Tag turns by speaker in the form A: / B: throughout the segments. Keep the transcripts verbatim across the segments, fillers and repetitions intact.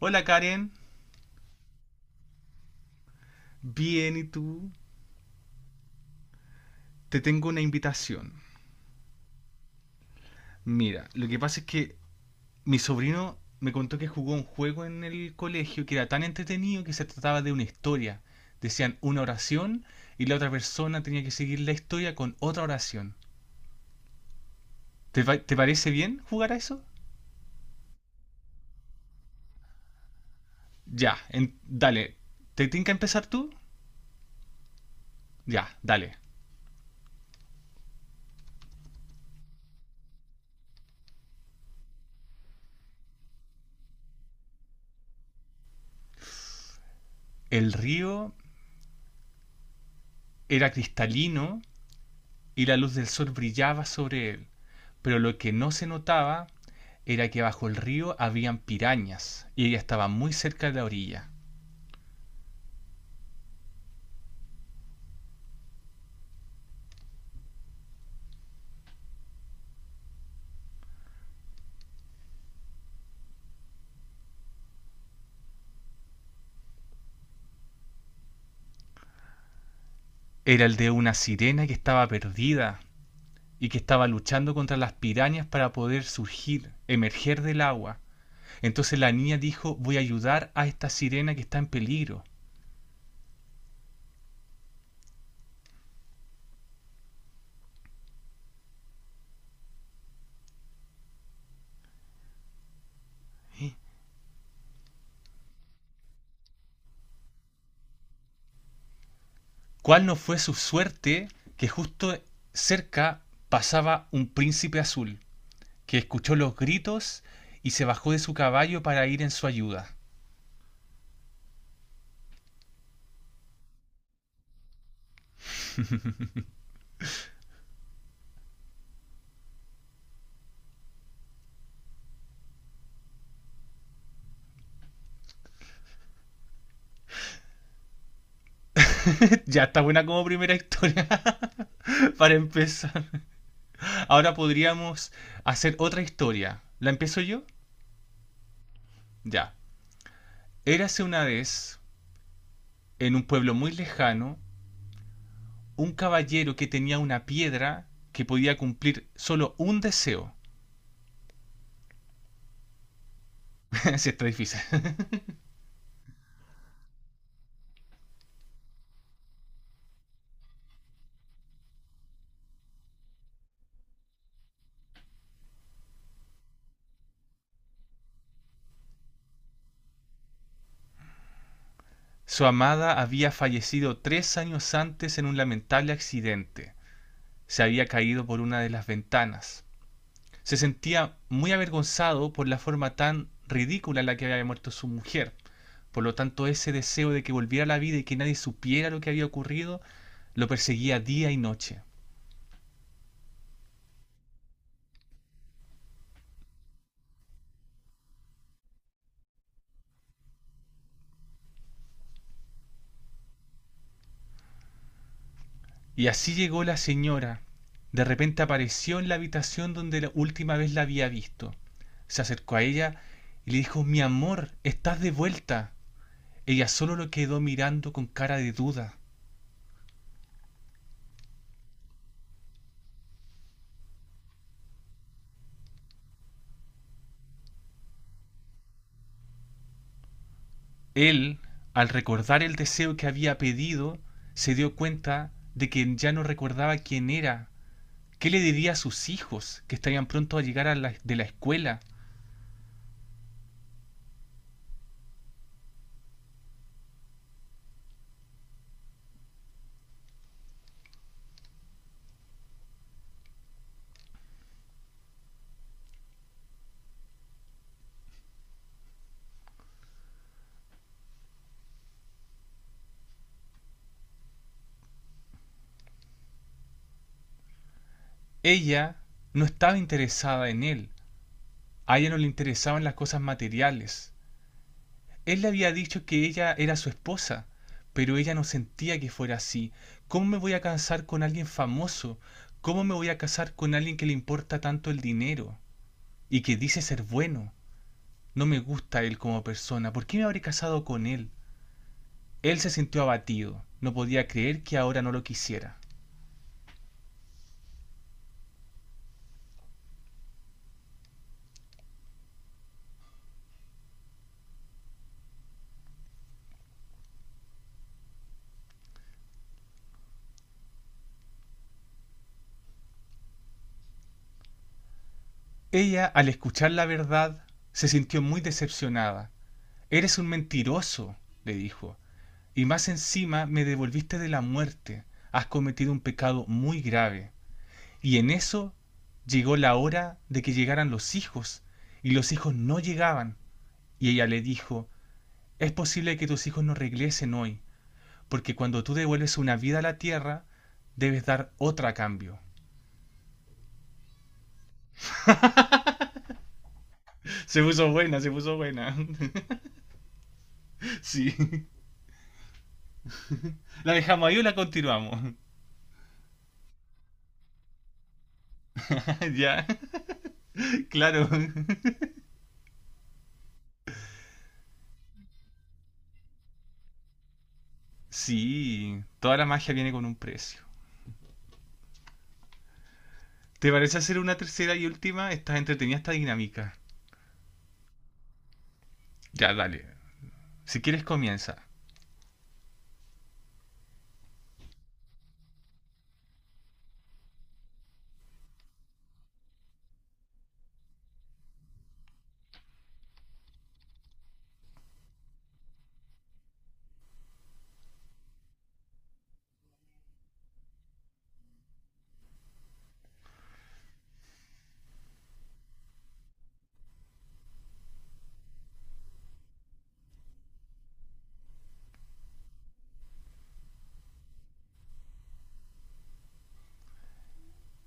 A: Hola Karen, bien y tú, te tengo una invitación. Mira, lo que pasa es que mi sobrino me contó que jugó un juego en el colegio que era tan entretenido que se trataba de una historia. Decían una oración y la otra persona tenía que seguir la historia con otra oración. ¿Te, pa- te parece bien jugar a eso? Ya, en- dale. ¿Te que empezar tú? Ya, dale. El río era cristalino y la luz del sol brillaba sobre él, pero lo que no se notaba era que bajo el río habían pirañas y ella estaba muy cerca de la orilla. Era el de una sirena que estaba perdida y que estaba luchando contra las pirañas para poder surgir, emerger del agua. Entonces la niña dijo, voy a ayudar a esta sirena que está en peligro. ¿Cuál no fue su suerte que justo cerca pasaba un príncipe azul, que escuchó los gritos y se bajó de su caballo para ir en su ayuda? Ya, está buena como primera historia, para empezar. Ahora podríamos hacer otra historia. ¿La empiezo yo? Ya. Érase una vez, en un pueblo muy lejano, un caballero que tenía una piedra que podía cumplir solo un deseo. Sí, está difícil. Su amada había fallecido tres años antes en un lamentable accidente. Se había caído por una de las ventanas. Se sentía muy avergonzado por la forma tan ridícula en la que había muerto su mujer. Por lo tanto, ese deseo de que volviera a la vida y que nadie supiera lo que había ocurrido, lo perseguía día y noche. Y así llegó la señora. De repente apareció en la habitación donde la última vez la había visto. Se acercó a ella y le dijo, mi amor, estás de vuelta. Ella solo lo quedó mirando con cara de duda. Él, al recordar el deseo que había pedido, se dio cuenta de que ya no recordaba quién era, qué le diría a sus hijos que estarían pronto a llegar a la- de la escuela. Ella no estaba interesada en él, a ella no le interesaban las cosas materiales. Él le había dicho que ella era su esposa, pero ella no sentía que fuera así. ¿Cómo me voy a casar con alguien famoso? ¿Cómo me voy a casar con alguien que le importa tanto el dinero y que dice ser bueno? No me gusta él como persona. ¿Por qué me habré casado con él? Él se sintió abatido. No podía creer que ahora no lo quisiera. Ella, al escuchar la verdad, se sintió muy decepcionada. Eres un mentiroso, le dijo. Y más encima me devolviste de la muerte. Has cometido un pecado muy grave. Y en eso llegó la hora de que llegaran los hijos. Y los hijos no llegaban. Y ella le dijo, es posible que tus hijos no regresen hoy. Porque cuando tú devuelves una vida a la tierra, debes dar otra a cambio. Se puso buena, se puso buena. Sí. ¿La dejamos ahí o la continuamos? Ya, claro. Sí, toda la magia viene con un precio. ¿Te parece hacer una tercera y última? Estás entretenida esta dinámica. Ya, dale. Si quieres comienza.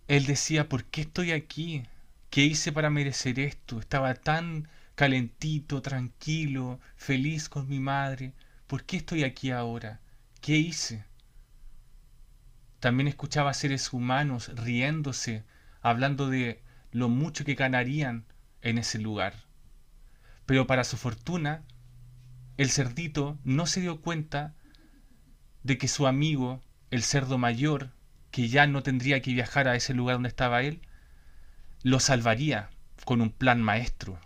A: Él decía, ¿por qué estoy aquí? ¿Qué hice para merecer esto? Estaba tan calentito, tranquilo, feliz con mi madre. ¿Por qué estoy aquí ahora? ¿Qué hice? También escuchaba a seres humanos riéndose, hablando de lo mucho que ganarían en ese lugar. Pero para su fortuna, el cerdito no se dio cuenta de que su amigo, el cerdo mayor, que ya no tendría que viajar a ese lugar donde estaba él, los salvaría con un plan maestro.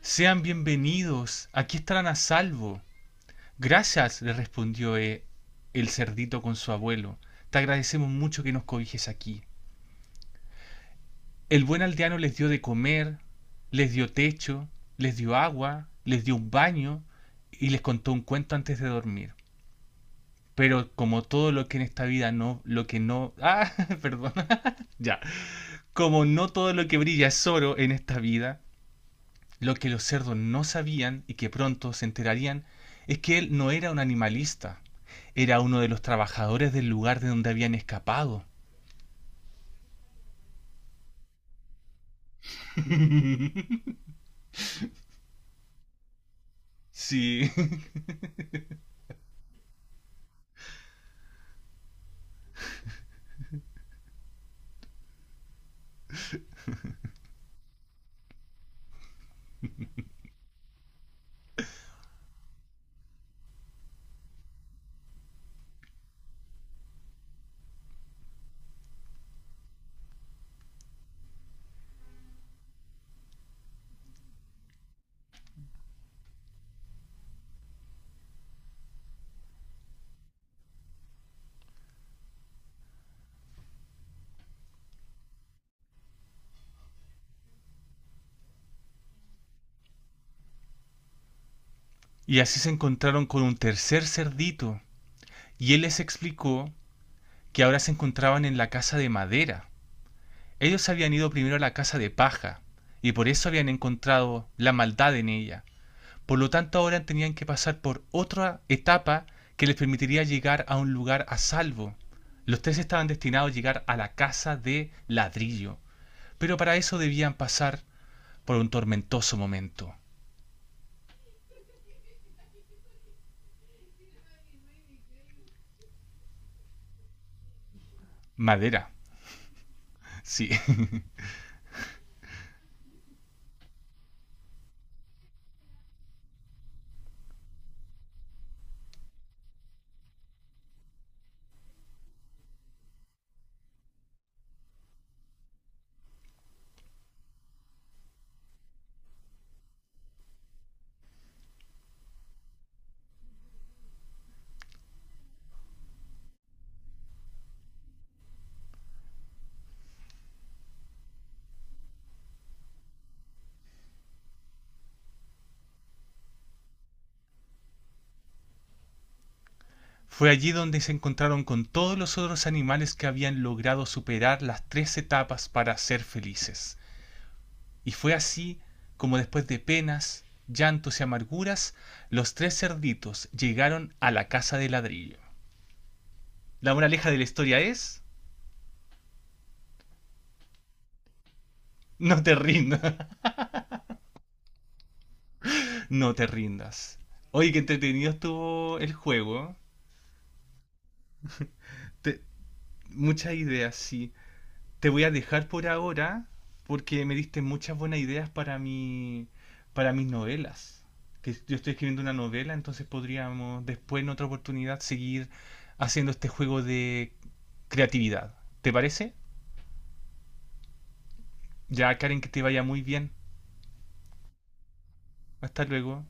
A: Sean bienvenidos, aquí estarán a salvo. Gracias, le respondió eh, el cerdito con su abuelo. Te agradecemos mucho que nos cobijes aquí. El buen aldeano les dio de comer, les dio techo, les dio agua, les dio un baño y les contó un cuento antes de dormir. Pero como todo lo que en esta vida no, lo que no, ah, perdón, ya, como no todo lo que brilla es oro en esta vida, lo que los cerdos no sabían y que pronto se enterarían es que él no era un animalista, era uno de los trabajadores del lugar de donde habían escapado. Sí. Y así se encontraron con un tercer cerdito, y él les explicó que ahora se encontraban en la casa de madera. Ellos habían ido primero a la casa de paja, y por eso habían encontrado la maldad en ella. Por lo tanto, ahora tenían que pasar por otra etapa que les permitiría llegar a un lugar a salvo. Los tres estaban destinados a llegar a la casa de ladrillo, pero para eso debían pasar por un tormentoso momento. Madera. Sí. Fue allí donde se encontraron con todos los otros animales que habían logrado superar las tres etapas para ser felices. Y fue así como después de penas, llantos y amarguras, los tres cerditos llegaron a la casa de ladrillo. La moraleja de la historia es, no te rindas, no te rindas. Oye, qué entretenido estuvo el juego. Te- Muchas ideas, sí. Te voy a dejar por ahora porque me diste muchas buenas ideas para mi, para mis novelas. Que yo estoy escribiendo una novela, entonces podríamos después en otra oportunidad seguir haciendo este juego de creatividad. ¿Te parece? Ya, Karen, que te vaya muy bien. Hasta luego.